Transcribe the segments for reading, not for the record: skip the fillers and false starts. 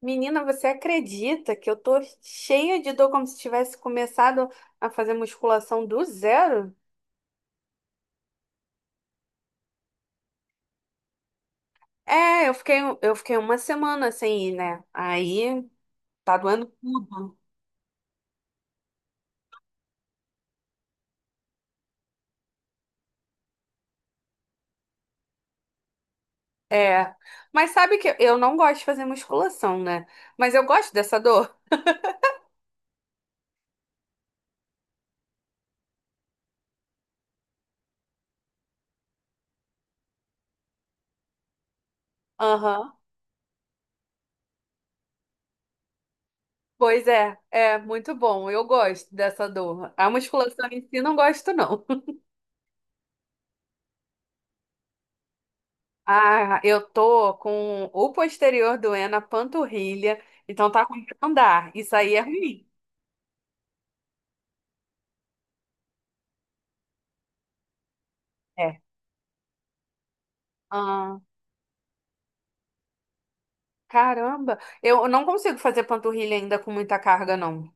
Menina, você acredita que eu tô cheia de dor como se tivesse começado a fazer musculação do zero? É, eu fiquei uma semana sem ir, né? Aí tá doendo tudo. É. Mas sabe que eu não gosto de fazer musculação, né? Mas eu gosto dessa dor. Aham. Pois é, é muito bom. Eu gosto dessa dor. A musculação em si não gosto, não. Ah, eu tô com o posterior doendo, a panturrilha, então tá com que andar. Isso aí é ruim. É. Ah, caramba, eu não consigo fazer panturrilha ainda com muita carga, não.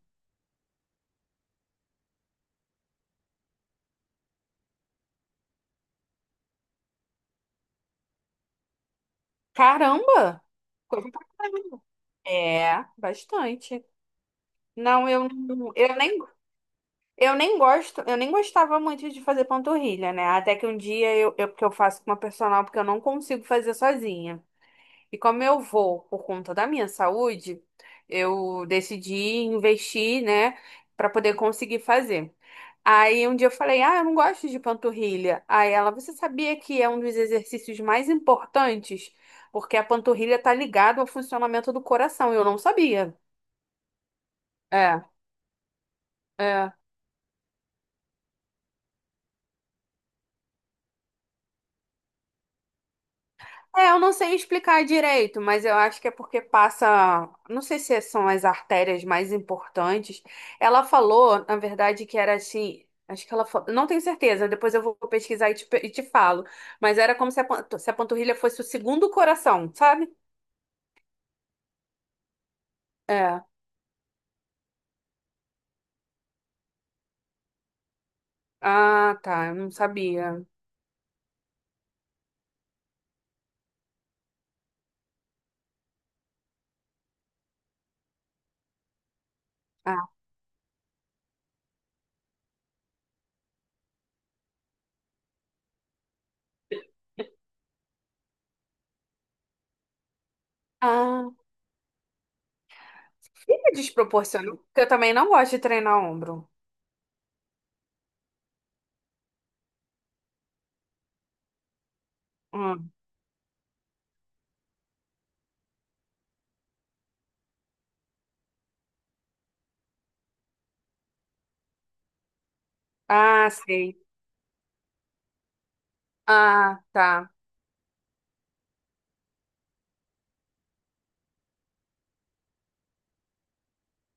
Caramba! Coisa pra caramba. É, bastante. Não, eu, não- eu nem, eu nem gostava muito de fazer panturrilha, né? Até que um dia porque eu faço com uma personal, porque eu não consigo fazer sozinha. E como eu vou por conta da minha saúde, eu decidi investir, né, para poder conseguir fazer. Aí um dia eu falei: "Ah, eu não gosto de panturrilha". Aí ela: "Você sabia que é um dos exercícios mais importantes? Porque a panturrilha tá ligada ao funcionamento do coração". Eu não sabia. É, é. É, eu não sei explicar direito, mas eu acho que é porque passa, não sei se são as artérias mais importantes. Ela falou, na verdade, que era assim, acho que ela falou, não tenho certeza, depois eu vou pesquisar e te, pe- e te falo, mas era como se a, pan- se a panturrilha fosse o segundo coração, sabe? É. Ah, tá, eu não sabia. Ah, ah. Fica desproporcional, porque eu também não gosto de treinar ombro. Hum. Ah, sei. Ah, tá.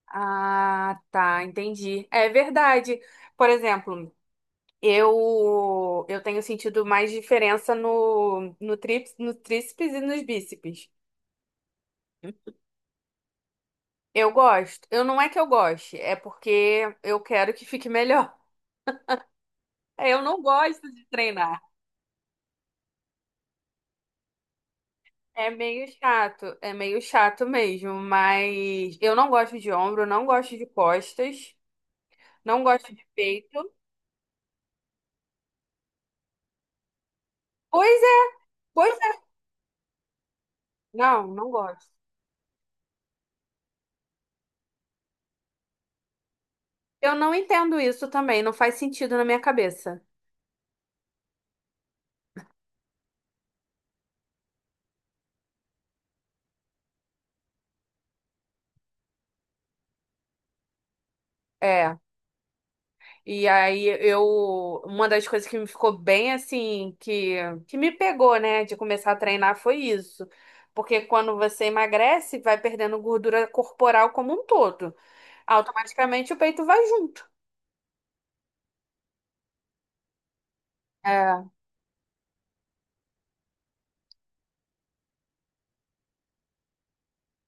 Ah, tá, entendi. É verdade. Por exemplo, eu tenho sentido mais diferença no tríceps e nos bíceps. Eu gosto. Eu não é que eu goste, é porque eu quero que fique melhor. Eu não gosto de treinar. É meio chato mesmo, mas eu não gosto de ombro, não gosto de costas, não gosto de peito. Pois é, pois é. Não, não gosto. Eu não entendo isso também, não faz sentido na minha cabeça. É. E aí eu, uma das coisas que me ficou bem assim, que me pegou, né, de começar a treinar foi isso. Porque quando você emagrece, vai perdendo gordura corporal como um todo. Automaticamente o peito vai junto. É.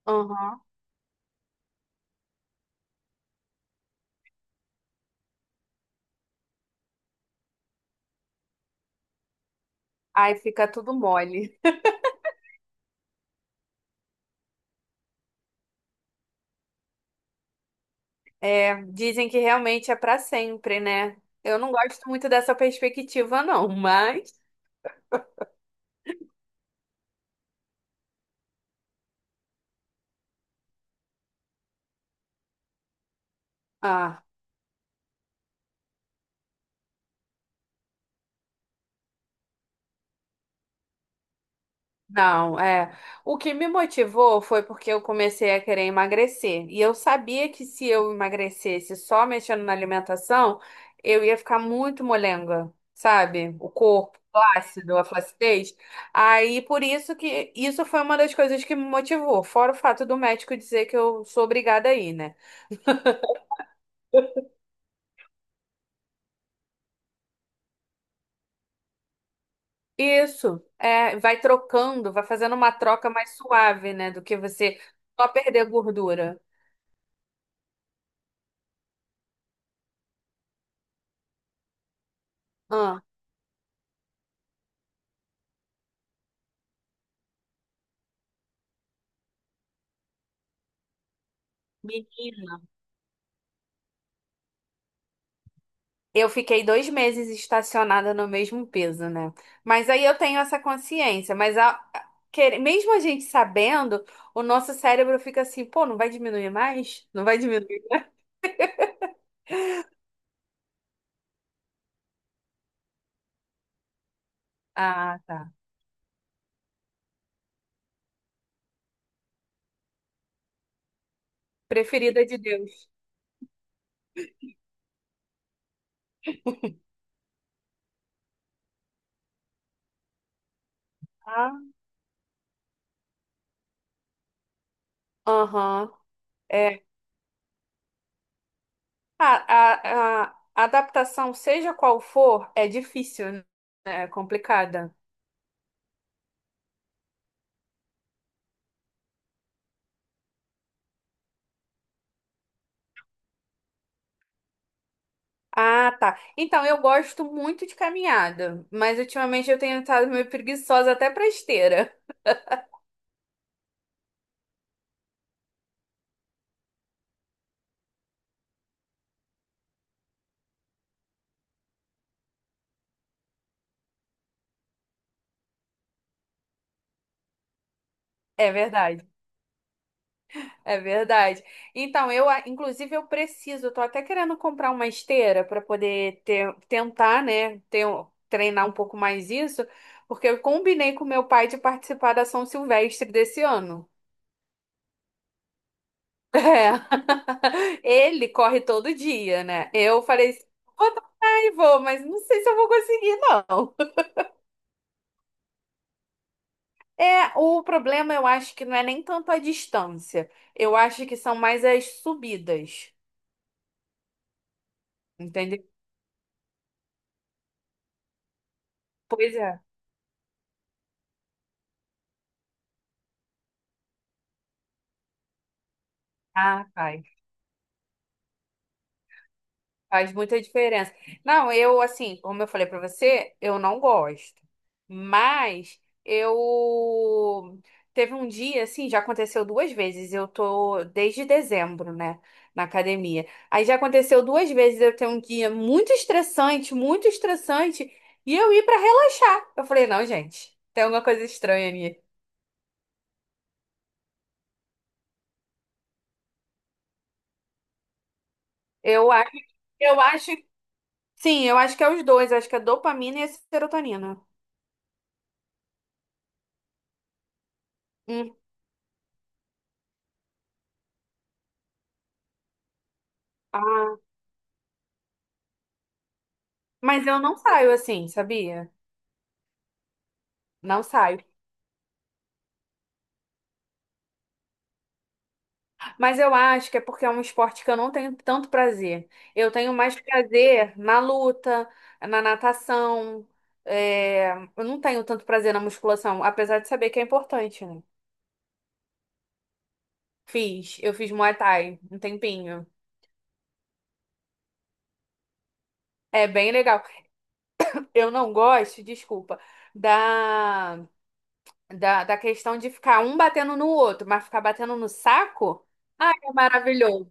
Uhum. Aí fica tudo mole. É, dizem que realmente é pra sempre, né? Eu não gosto muito dessa perspectiva, não, mas. Ah. Não, é. O que me motivou foi porque eu comecei a querer emagrecer. E eu sabia que se eu emagrecesse só mexendo na alimentação, eu ia ficar muito molenga, sabe? O corpo flácido, a flacidez. Aí por isso que isso foi uma das coisas que me motivou, fora o fato do médico dizer que eu sou obrigada a ir, né? Isso, é, vai trocando, vai fazendo uma troca mais suave, né, do que você só perder gordura. Ah. Eu fiquei dois meses estacionada no mesmo peso, né? Mas aí eu tenho essa consciência. Mas mesmo a gente sabendo, o nosso cérebro fica assim, pô, não vai diminuir mais? Não vai diminuir? Ah, tá. Preferida de Deus. Ah. Aham. É. A, a, a adaptação, seja qual for, é difícil, né? É complicada. Ah, tá. Então, eu gosto muito de caminhada, mas ultimamente eu tenho estado meio preguiçosa até pra esteira. É verdade. É verdade. Então, eu preciso, eu tô até querendo comprar uma esteira para poder tentar, né, treinar um pouco mais isso, porque eu combinei com meu pai de participar da São Silvestre desse ano. É. Ele corre todo dia, né? Eu falei, assim, vou tentar e vou, mas não sei se eu vou conseguir, não. É, o problema eu acho que não é nem tanto a distância. Eu acho que são mais as subidas. Entendeu? Pois é. Ah, tá. Faz muita diferença. Não, eu, assim, como eu falei pra você, eu não gosto. Mas eu. Teve um dia, assim, já aconteceu duas vezes. Eu tô desde dezembro, né, na academia. Aí já aconteceu duas vezes eu ter um dia muito estressante, e eu ir pra relaxar. Eu falei, não, gente, tem alguma coisa estranha ali. Eu acho, eu acho, sim, eu acho que é os dois. Eu acho que é dopamina e a serotonina. Hum. Mas eu não saio assim, sabia? Não saio. Mas eu acho que é porque é um esporte que eu não tenho tanto prazer. Eu tenho mais prazer na luta, na natação. É, eu não tenho tanto prazer na musculação, apesar de saber que é importante, né? Fiz, eu fiz Muay Thai um tempinho. É bem legal. Eu não gosto, desculpa, da, da questão de ficar um batendo no outro, mas ficar batendo no saco, ai, é maravilhoso.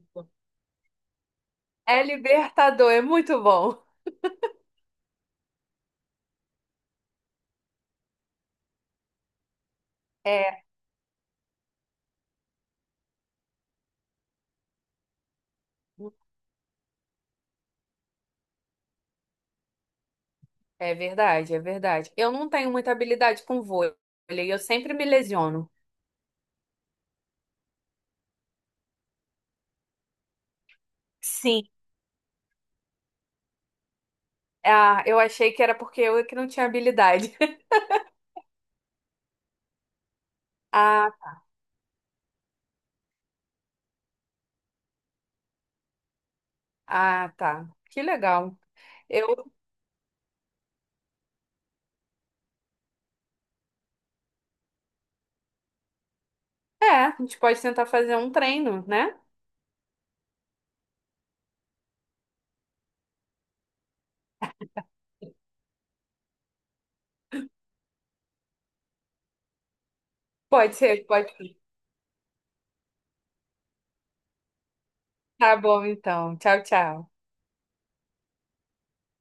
É libertador, é muito bom. É, é verdade, é verdade. Eu não tenho muita habilidade com vôlei, eu sempre me lesiono. Sim, ah, eu achei que era porque eu é que não tinha habilidade. Ah, ah, tá. Que legal. Eu, a gente pode tentar fazer um treino, né? Pode ser, pode ser. Tá bom, então. Tchau, tchau.